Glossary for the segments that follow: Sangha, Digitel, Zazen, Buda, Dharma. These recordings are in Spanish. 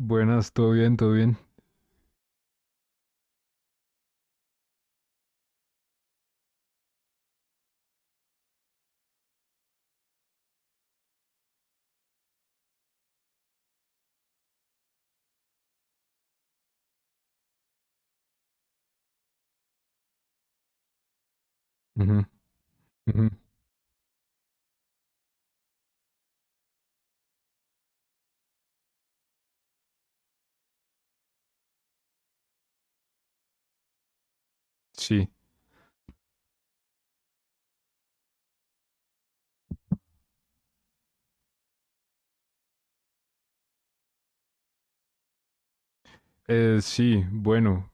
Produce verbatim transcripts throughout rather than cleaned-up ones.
Buenas, todo bien, todo bien. Ujú, ujú. Sí, eh, sí, bueno,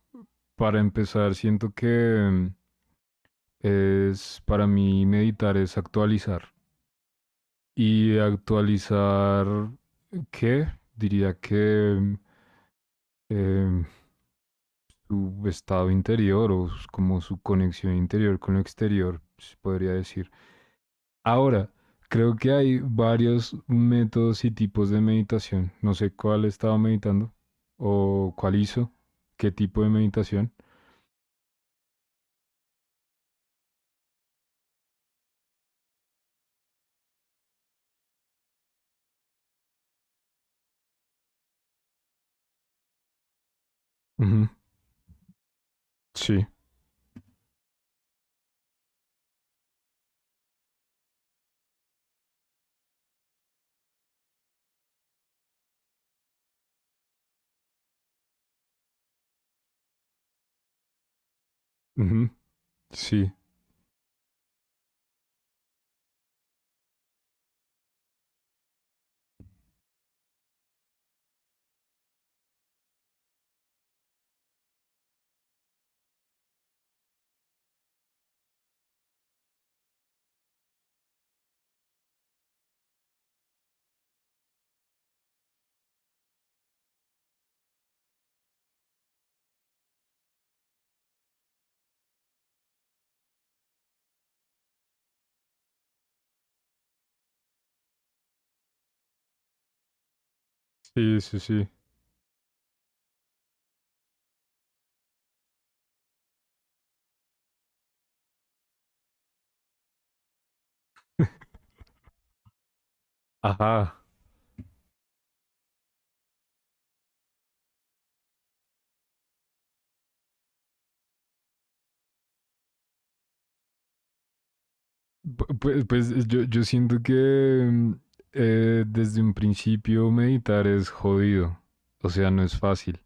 para empezar, siento que mm, es para mí meditar es actualizar. Y actualizar, ¿qué? Diría que em, su estado interior o s- como su conexión interior con lo exterior, se podría decir. Ahora, creo que hay varios métodos y tipos de meditación. No sé cuál estaba meditando o cuál hizo, qué tipo de meditación. Ujú, sí, ujú, sí, sí, sí, sí. Ajá. Pu- Pues, pues yo, yo siento que mm, eh, desde un principio meditar es jodido, o sea, no es fácil.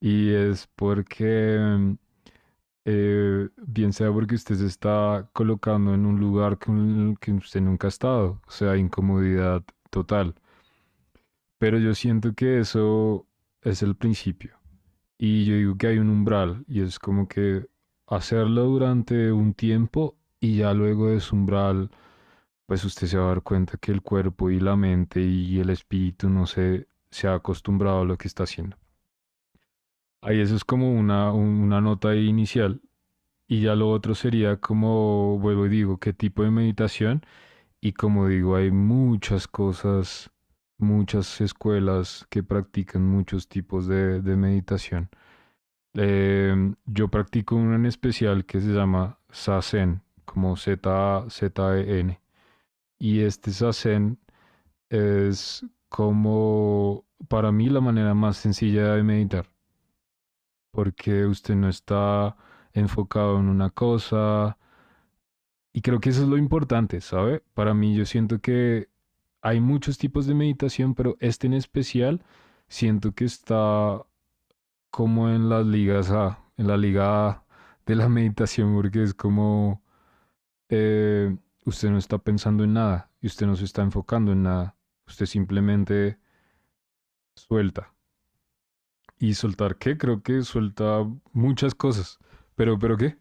Y es porque mm, eh, bien sea porque usted se está colocando en un lugar que, un- que usted nunca ha estado, o sea, incomodidad total. Pero yo siento que eso es el principio. Y yo digo que hay un umbral y es como que hacerlo durante un tiempo y ya luego de ese umbral, pues usted se va a dar cuenta que el cuerpo y la mente y el espíritu no se, se ha acostumbrado a lo que está haciendo. Ahí eso es como una, un- una nota ahí inicial. Y ya lo otro sería como, vuelvo y digo, qué tipo de meditación. Y como digo, hay muchas cosas, muchas escuelas que practican muchos tipos de, de meditación. Eh, yo practico una en especial que se llama Zazen, como Z Z E N. Y este Zazen es como, para mí, la manera más sencilla de meditar porque usted no está enfocado en una cosa. Y creo que eso es lo importante, ¿sabe? Para mí yo siento que hay muchos tipos de meditación, pero este en especial siento que está como en las ligas A, en la liga A de la meditación, porque es como eh, usted no está pensando en nada y usted no se está enfocando en nada, usted simplemente suelta. ¿Y soltar qué? Creo que suelta muchas cosas. ¿Pero, pero qué?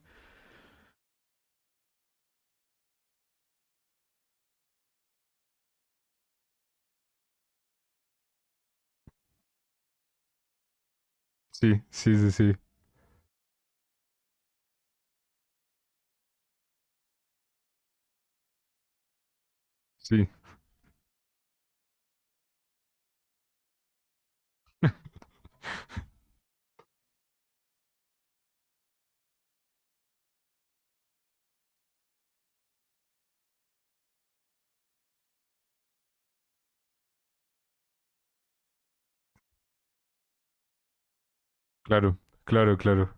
Sí, sí, sí, sí. Sí, claro, claro, claro.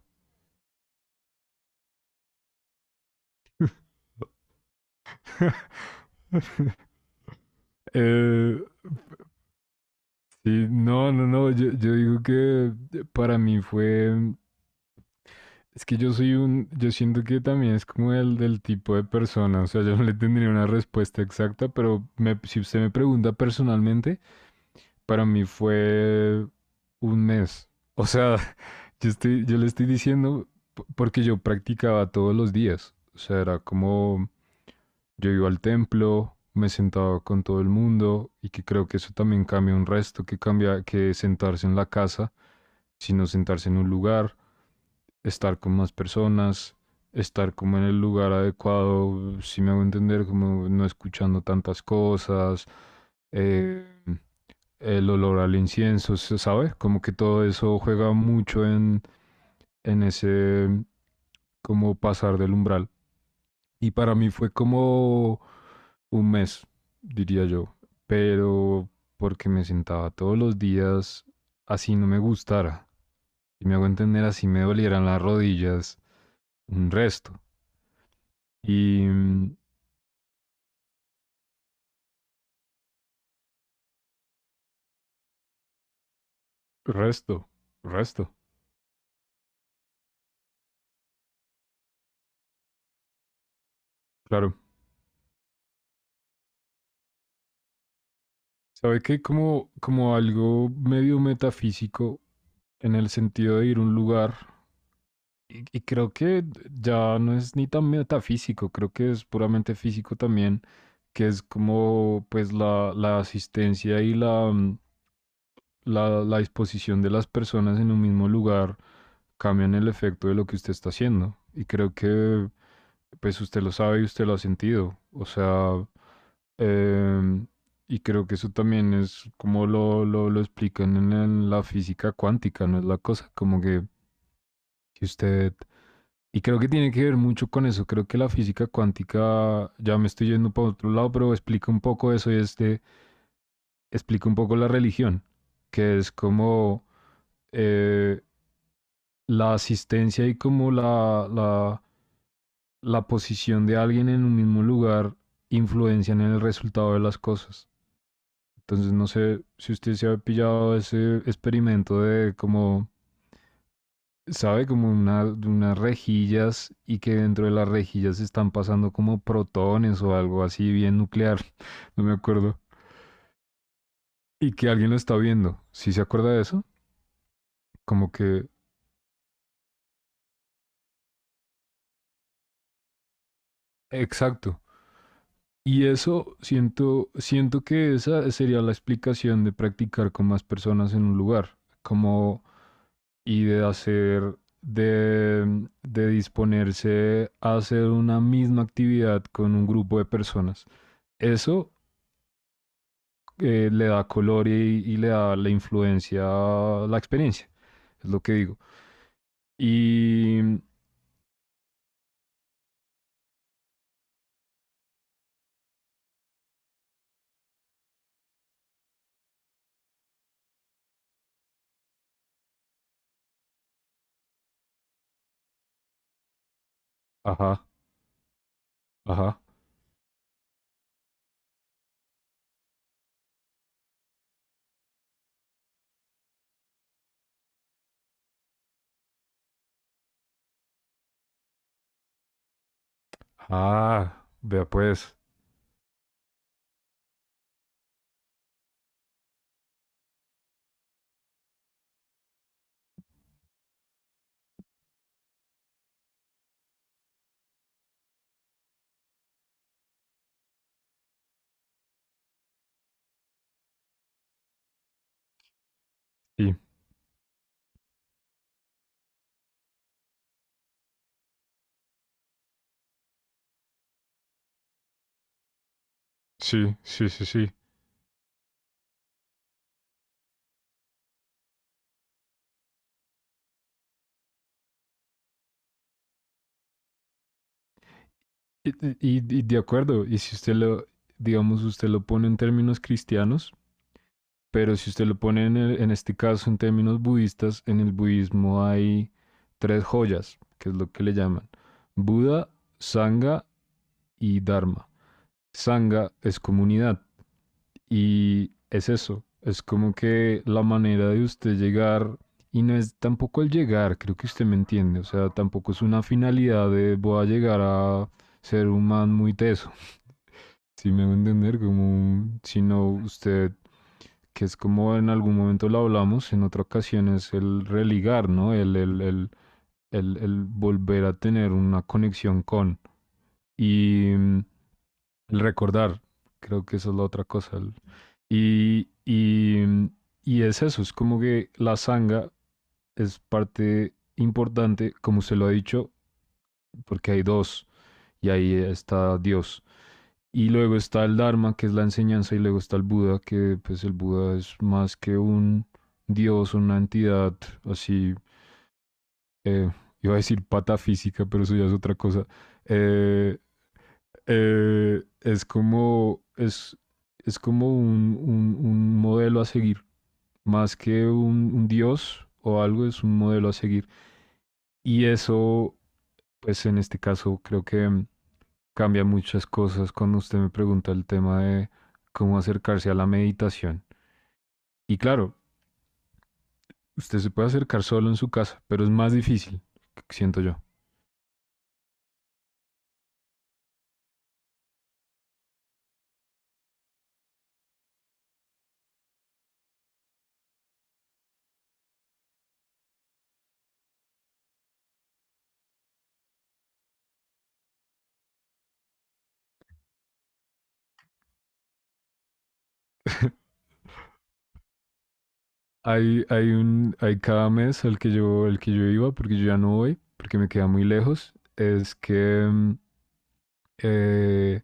Eh, sí, no, no, no, yo, yo digo que para mí fue, es que yo soy un, yo siento que también es como el del tipo de persona, o sea, yo no le tendría una respuesta exacta, pero me- si usted me pregunta personalmente, para mí fue un mes. O sea, yo estoy, yo le estoy diciendo p- porque yo practicaba todos los días, o sea, era como. Yo iba al templo, me sentaba con todo el mundo y que creo que eso también cambia un resto, que cambia que sentarse en la casa, sino sentarse en un lugar, estar con más personas, estar como en el lugar adecuado, si me hago entender, como no escuchando tantas cosas, eh, el olor al incienso, ¿sabes? Como que todo eso juega mucho en, en ese como pasar del umbral. Y para mí fue como un mes, diría yo. Pero porque me sentaba todos los días así no me gustara. Y me hago entender así me dolieran las rodillas un resto. Y mm, resto, resto, claro. ¿Sabe que como, como algo medio metafísico en el sentido de ir a un lugar? Y, y creo que ya no es ni tan metafísico, creo que es puramente físico también, que es como pues la, la asistencia y la, mm, la, la disposición de las personas en un mismo lugar cambian el efecto de lo que usted está haciendo. Y creo que pues usted lo sabe y usted lo ha sentido. O sea, em, y creo que eso también es como lo, lo, lo explican en el- la física cuántica, ¿no es la cosa? Como que si usted. Y creo que tiene que ver mucho con eso. Creo que la física cuántica, ya me estoy yendo para otro lado, pero explica un poco eso y este, explica un poco la religión, que es como eh, la asistencia y como la, la, la posición de alguien en un mismo lugar influencian en el resultado de las cosas. Entonces, no sé si usted se ha pillado ese experimento de como sabe, como una, de unas rejillas y que dentro de las rejillas están pasando como protones o algo así bien nuclear, no me acuerdo. Y que alguien lo está viendo, ¿sí se acuerda de eso? Como que, exacto. Y eso siento, siento que esa sería la explicación de practicar con más personas en un lugar, como y de hacer, de, de disponerse a hacer una misma actividad con un grupo de personas. Eso eh, le da color y, y le da la influencia, la experiencia, es lo que digo. Y, ajá, ajá, ah, vea pues, sí, sí, sí, sí, sí. Y, y- y de acuerdo, y si usted lo, digamos, usted lo pone en términos cristianos, pero si usted lo pone en, el- en este caso en términos budistas, en el budismo hay tres joyas, que es lo que le llaman Buda, Sangha y Dharma. Sangha es comunidad. Y es eso, es como que la manera de usted llegar, y no es tampoco el llegar, creo que usted me entiende, o sea, tampoco es una finalidad de voy a llegar a ser un man muy teso, si me va a entender, como, sino usted, que es como en algún momento lo hablamos, en otra ocasión es el religar, ¿no? El, el, el, el, el volver a tener una conexión con. Y mm, el recordar, creo que esa es la otra cosa. el- y, y, mm, y es eso, es como que la sanga es parte importante, como se lo ha dicho, porque hay dos, y ahí está Dios. Y luego está el Dharma, que es la enseñanza, y luego está el Buda, que pues el Buda es más que un Dios, una entidad así, eh, iba a decir patafísica pero eso ya es otra cosa. Eh, eh, es como, es, es como un, un- un modelo a seguir, más que un, un dios o algo, es un modelo a seguir. Y eso, pues en este caso, creo que mm, cambia muchas cosas cuando usted me pregunta el tema de cómo acercarse a la meditación. Y claro, usted se puede acercar solo en su casa, pero es más difícil, siento yo. Hay, hay un, hay cada mes al que yo, el que yo iba, porque yo ya no voy, porque me queda muy lejos, es que mm, eh,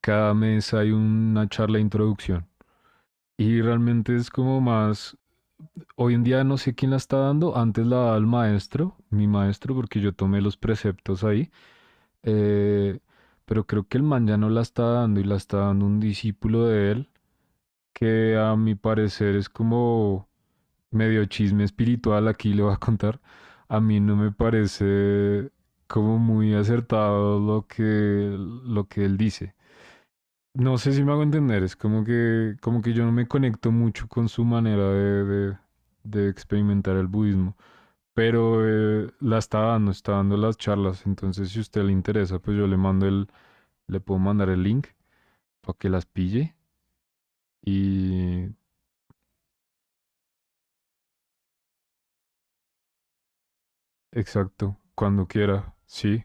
cada mes hay una charla de introducción. Y realmente es como más, hoy en día no sé quién la está dando, antes la daba el maestro, mi maestro, porque yo tomé los preceptos ahí, eh, pero creo que el man ya no la está dando y la está dando un discípulo de él, que a mi parecer es como medio chisme espiritual, aquí le voy a contar, a mí no me parece como muy acertado lo que, lo que él dice. No sé si me hago entender, es como que, como que yo no me conecto mucho con su manera de, de- de experimentar el budismo, pero eh, la está dando, está dando las charlas, entonces si a usted le interesa, pues yo le mando el, le puedo mandar el link para que las pille y exacto, cuando quiera, sí,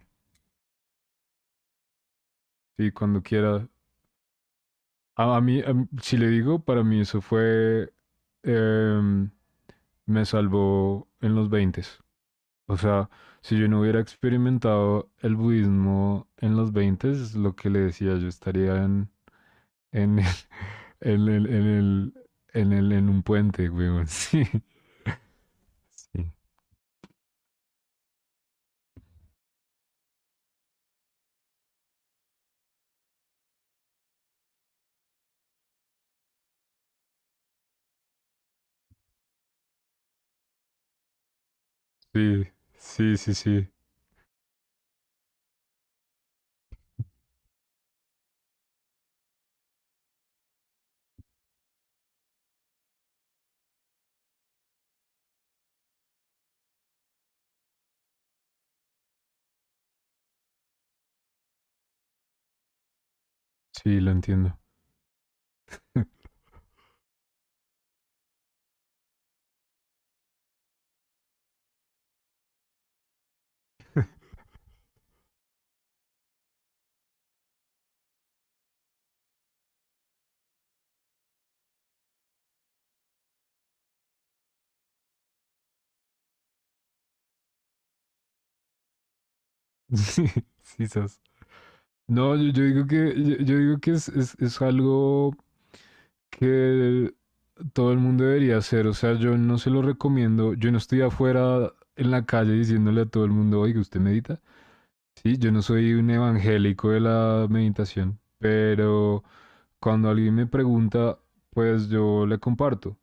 sí, cuando quiera. A, a mí, a mí, si le digo, para mí eso fue, em, me salvó en los veinte. O sea, si yo no hubiera experimentado el budismo en los veinte, es lo que le decía. Yo estaría en, en, el- en, el- en, el- en, el- en un puente, weón. Sí, sí. Sí, sí, sí, sí. Sí, lo entiendo. Sí, sí, sas. No, yo, yo digo que, yo, yo digo que es, es, es algo que todo el mundo debería hacer. O sea, yo no se lo recomiendo. Yo no estoy afuera en la calle diciéndole a todo el mundo, oiga, ¿usted medita? Sí, yo no soy un evangélico de la meditación, pero cuando alguien me pregunta, pues yo le comparto.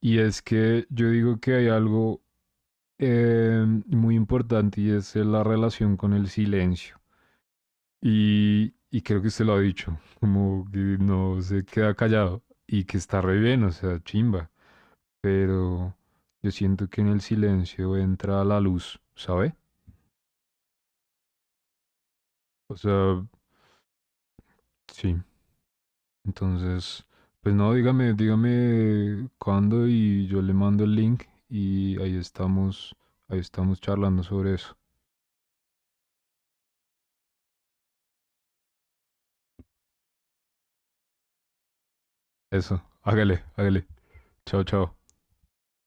Y es que yo digo que hay algo eh, muy importante y es la relación con el silencio. Y, y creo que usted lo ha dicho, como que no se queda callado y que está re bien, o sea, chimba. Pero yo siento que en el silencio entra la luz, ¿sabe? O sea, sí. Entonces, pues no, dígame, dígame cuándo y yo le mando el link y ahí estamos, ahí estamos charlando sobre eso. Eso, hágale, hágale. Chao, chao.